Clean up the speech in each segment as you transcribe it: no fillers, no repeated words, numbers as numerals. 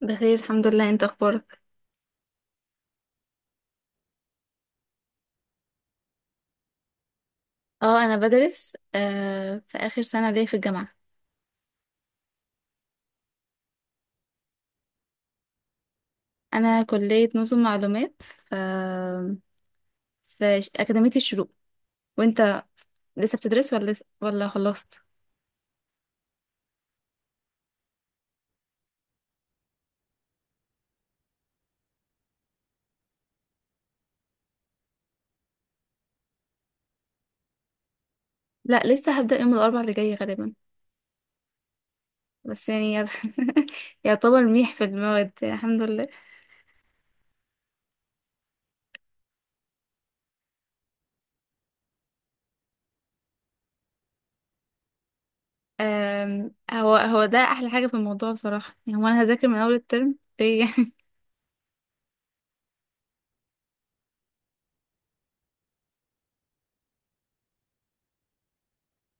بخير الحمد لله، انت اخبارك؟ اه، انا بدرس في اخر سنه ليا في الجامعه. انا كليه نظم معلومات، ف في اكاديميه الشروق. وانت لسه بتدرس ولا ولا خلصت؟ لا، لسه هبدا يوم الاربع اللي جاي غالبا. بس يعني يعتبر ميح في المواد يعني الحمد لله. هو ده احلى حاجه في الموضوع بصراحه، يعني هو انا هذاكر من اول الترم ليه؟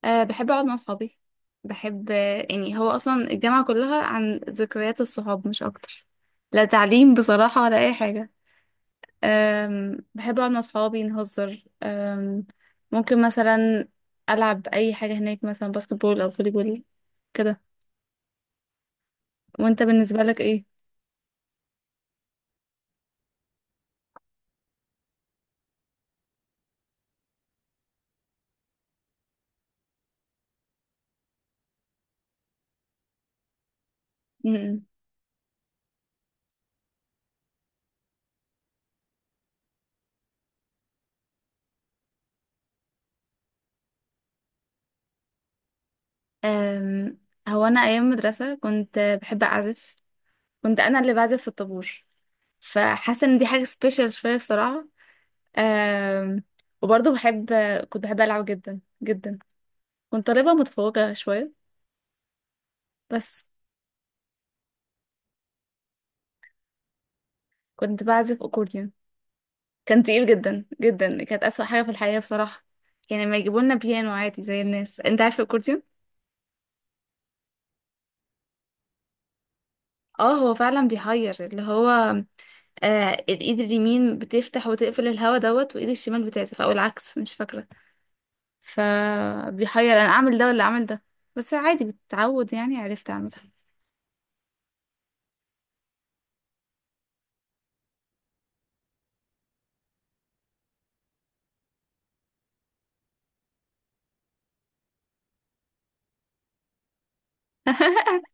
أه، بحب أقعد مع صحابي. بحب يعني هو أصلا الجامعة كلها عن ذكريات الصحاب مش أكتر. لا تعليم بصراحة ولا أي حاجة. أم، بحب أقعد مع صحابي نهزر. أم، ممكن مثلا ألعب أي حاجة هناك، مثلا باسكت بول أو فولي بول كده. وأنت بالنسبة لك إيه؟ م-م. أم، هو أنا أيام مدرسة كنت بحب أعزف. كنت أنا اللي بعزف في الطابور، فحاسة إن دي حاجة سبيشال شوية بصراحة. آم، وبرضه بحب، كنت بحب ألعب جدا جدا. كنت طالبة متفوقة شوية، بس. كنت بعزف أكورديون، كان تقيل جدا جدا، كانت أسوأ حاجة في الحياة بصراحة. كان لما يجيبوا لنا بيانو عادي زي الناس. انت عارف الأكورديون؟ اه، هو فعلا بيحير، اللي هو آه، الإيد اليمين بتفتح وتقفل الهوا دوت، وإيد الشمال بتعزف، أو العكس مش فاكرة. فبيحير أنا أعمل ده ولا أعمل ده. بس عادي بتتعود يعني، عرفت أعملها.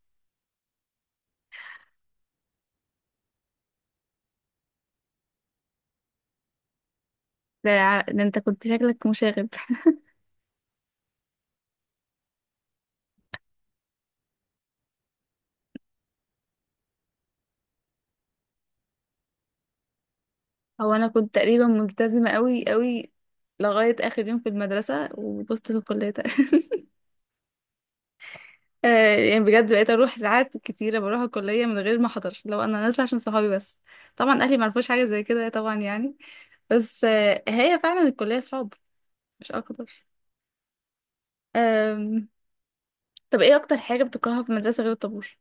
ده, انت كنت شكلك مشاغب. هو انا كنت تقريبا ملتزمه قوي قوي لغايه اخر يوم في المدرسه، وبصت في الكليه تقريبا. آه، يعني بجد بقيت اروح ساعات كتيره، بروح الكليه من غير ما احضر، لو انا نازله عشان صحابي بس. طبعا اهلي ما عرفوش حاجه زي كده طبعا يعني. بس آه، هي فعلا الكليه صحاب، مش اكتر. آم، طب ايه اكتر حاجه بتكرهها في المدرسه غير الطابور؟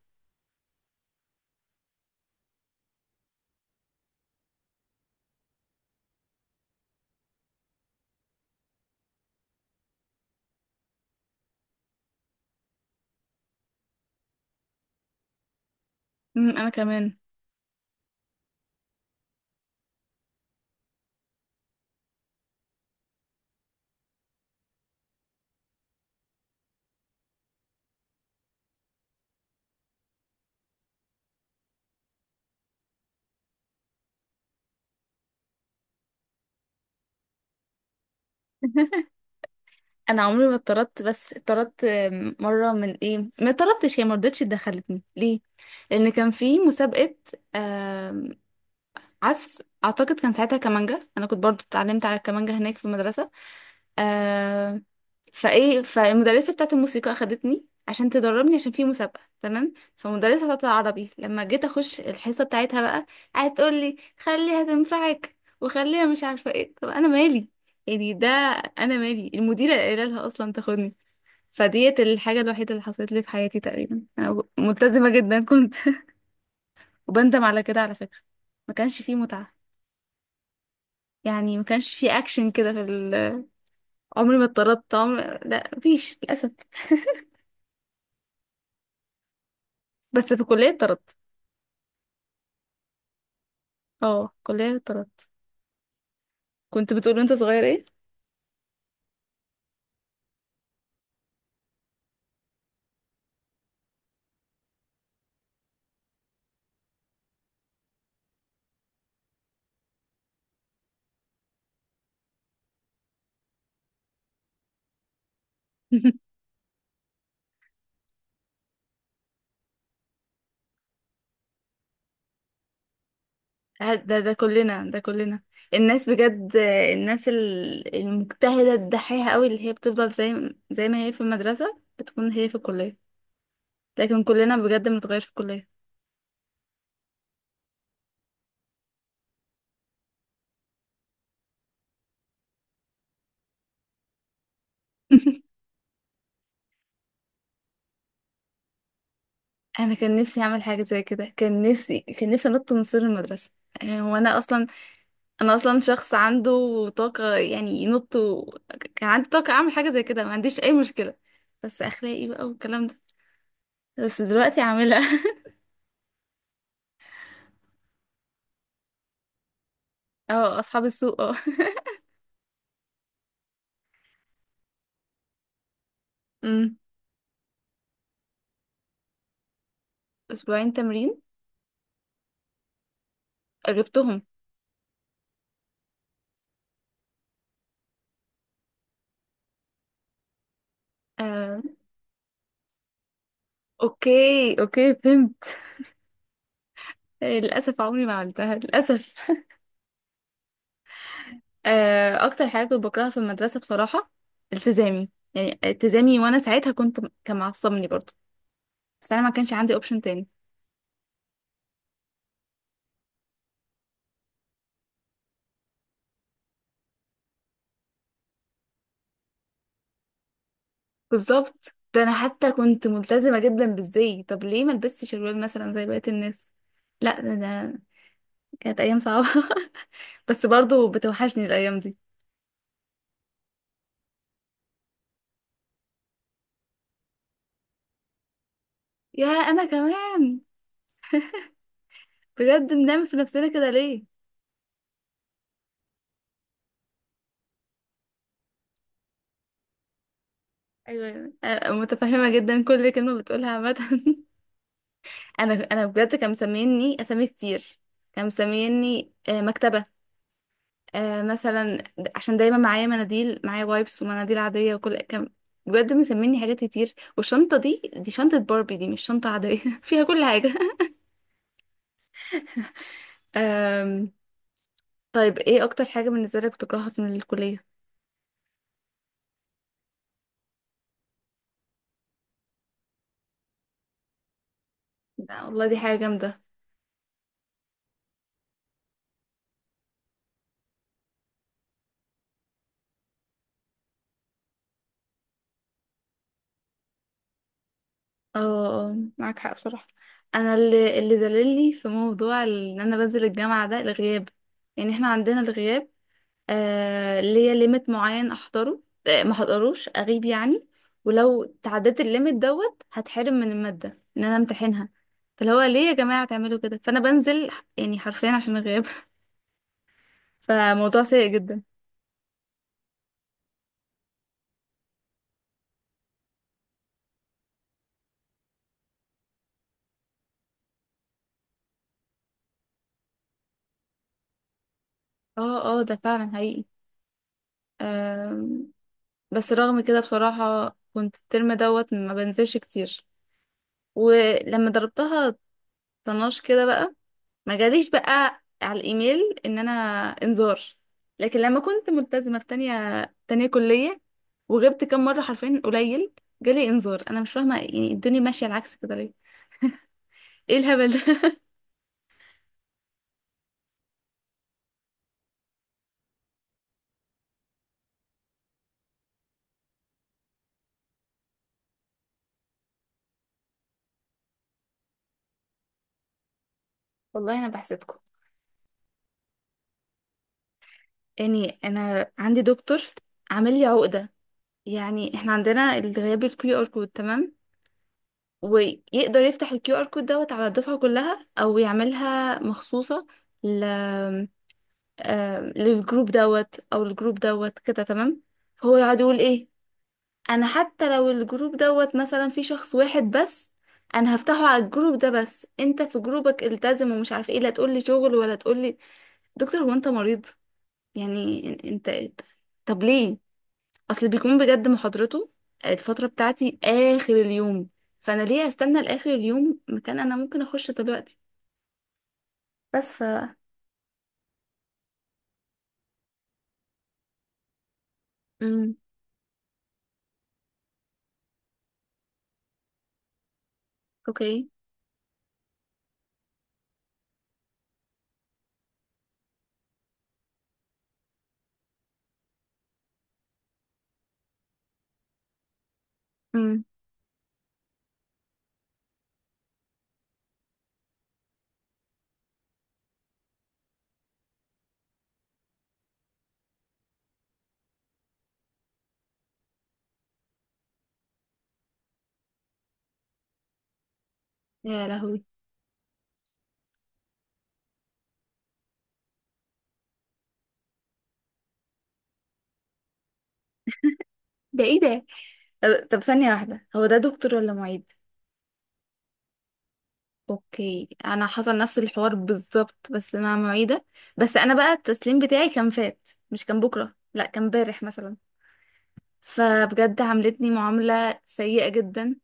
مم، انا كمان. انا عمري ما اتطردت، بس اتطردت آم، مره من ايه، ما اتطردتش، هي ما رضتش دخلتني ليه. لان كان في مسابقه عزف، اعتقد كان ساعتها كمانجا. انا كنت برضو اتعلمت على الكمانجا هناك في المدرسه. آه، فايه فالمدرسه بتاعت الموسيقى اخدتني عشان تدربني، عشان في مسابقه، تمام. فالمدرسه بتاعت العربي لما جيت اخش الحصه بتاعتها بقى، قعدت تقول لي خليها تنفعك وخليها مش عارفه ايه. طب انا مالي يعني ده، انا مالي، المديره اللي قايله لها اصلا تاخدني. فديت الحاجه الوحيده اللي حصلت لي في حياتي تقريبا، انا ملتزمه جدا كنت. وبندم على كده على فكره. ما كانش فيه متعه، يعني ما كانش في اكشن كده في عمري ما اتطردت، لا مفيش للاسف. بس في الكليه اتطردت. اه، في الكليه اتطردت. كنت بتقول انت صغير ايه؟ ده كلنا ده كلنا الناس بجد، الناس المجتهده الدحيحه قوي اللي هي بتفضل زي ما هي في المدرسه بتكون هي في الكليه. لكن كلنا بجد بنتغير في الكليه. انا كان نفسي اعمل حاجه زي كده، كان نفسي انط من سور المدرسه. يعني هو انا اصلا، انا اصلا شخص عنده طاقه، يعني ينط و... كان عندي طاقه اعمل حاجه زي كده، ما عنديش اي مشكله. بس اخلاقي بقى والكلام ده. بس دلوقتي عامله اه اصحاب السوق، اه. أمم. اسبوعين تمرين جبتهم؟ آه. اوكي اوكي، فهمت. آه، للاسف عمري ما عملتها، للاسف. آه. اكتر حاجه كنت بكرهها في المدرسه بصراحه، التزامي. يعني التزامي، وانا ساعتها كنت، كان معصبني برضه. بس انا ما كانش عندي اوبشن تاني. بالظبط ده. انا حتى كنت ملتزمه جدا بالزي. طب ليه ما البسش شروال مثلا زي بقيه الناس؟ لا ده, كانت ايام صعبه. بس برضو بتوحشني الايام دي. يا انا كمان. بجد بنعمل في نفسنا كده ليه؟ ايوه، أيوة. أنا متفهمه جدا كل كلمه بتقولها عامه. انا بجد كان مسميني اسامي كتير. كان مسميني آه، مكتبه. آه مثلا عشان دايما معايا مناديل، معايا وايبس ومناديل عادية وكل كم. بجد مسميني حاجات كتير. والشنطة دي، دي شنطة باربي، دي مش شنطة عادية فيها كل حاجة. آم، طيب ايه اكتر حاجة بالنسبة لك بتكرهها في الكلية؟ لا والله دي حاجة جامدة. اه، آه، معاك حق بصراحة. انا اللي دللني في موضوع ان انا بنزل الجامعة ده الغياب. يعني احنا عندنا الغياب، آه ليا ليميت معين احضره، آه ما احضروش اغيب يعني. ولو تعديت الليميت دوت هتحرم من المادة ان انا امتحنها. فاللي هو ليه يا جماعة تعملوا كده؟ فانا بنزل يعني حرفيا عشان الغياب. فموضوع سيء جدا. اه اه، ده فعلا حقيقي. آم، بس رغم كده بصراحة كنت الترم دوت ما بنزلش كتير. ولما ضربتها طناش كده بقى، ما جاليش بقى على الايميل ان انا انذار. لكن لما كنت ملتزمه في تانية، تانية كليه، وغبت كام مره حرفيا قليل، جالي انذار. انا مش فاهمه يعني الدنيا ماشيه العكس كده ليه. ايه الهبل ده؟ والله انا بحسدكم. يعني انا عندي دكتور عامل لي عقده. يعني احنا عندنا الغياب الكيو ار كود، تمام؟ ويقدر يفتح الكيو ار كود دوت على الدفعه كلها او يعملها مخصوصه آه، للجروب دوت او الجروب دوت كده، تمام. هو يقعد يقول ايه، انا حتى لو الجروب دوت مثلا في شخص واحد بس، انا هفتحه على الجروب ده. بس انت في جروبك التزم ومش عارفه ايه، لا تقول لي شغل ولا تقول لي. دكتور هو انت مريض؟ يعني انت، طب ليه؟ اصل بيكون بجد محاضرته الفتره بتاعتي اخر اليوم، فانا ليه استنى لاخر اليوم مكان انا ممكن اخش دلوقتي. بس ف، امم، اوكي، امم، يا لهوي، ده ايه ده؟ طب طب ثانية واحدة، هو ده دكتور ولا معيد؟ اوكي، انا حصل نفس الحوار بالظبط بس مع معيدة. بس انا بقى التسليم بتاعي كان فات، مش كان بكرة، لا كان امبارح مثلا. فبجد عاملتني معاملة سيئة جدا،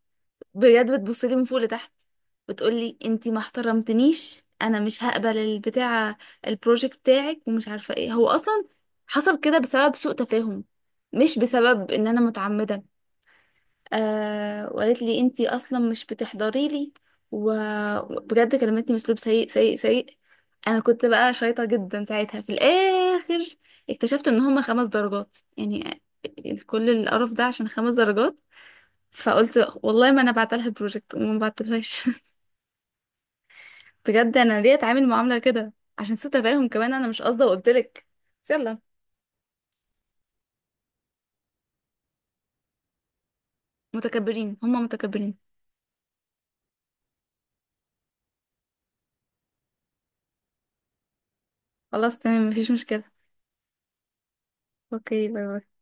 بجد بتبص لي من فوق لتحت، وتقولي انتي ما احترمتنيش، انا مش هقبل البتاع البروجكت بتاعك ومش عارفة ايه. هو اصلا حصل كده بسبب سوء تفاهم، مش بسبب ان انا متعمدة. آه، وقالت لي انتي اصلا مش بتحضري لي. وبجد كلمتني باسلوب سيء سيء سيء. انا كنت بقى شايطه جدا ساعتها. في الاخر اكتشفت ان هما 5 درجات، يعني كل القرف ده عشان 5 درجات. فقلت والله ما انا بعتلها بروجكت، وما بعتلهاش. بجد انا ليه اتعامل معامله كده؟ عشان سوء تفاهم، كمان انا مش قصده وقلت لك. يلا. متكبرين، هما متكبرين. خلاص تمام مفيش مشكله. اوكي، باي باي.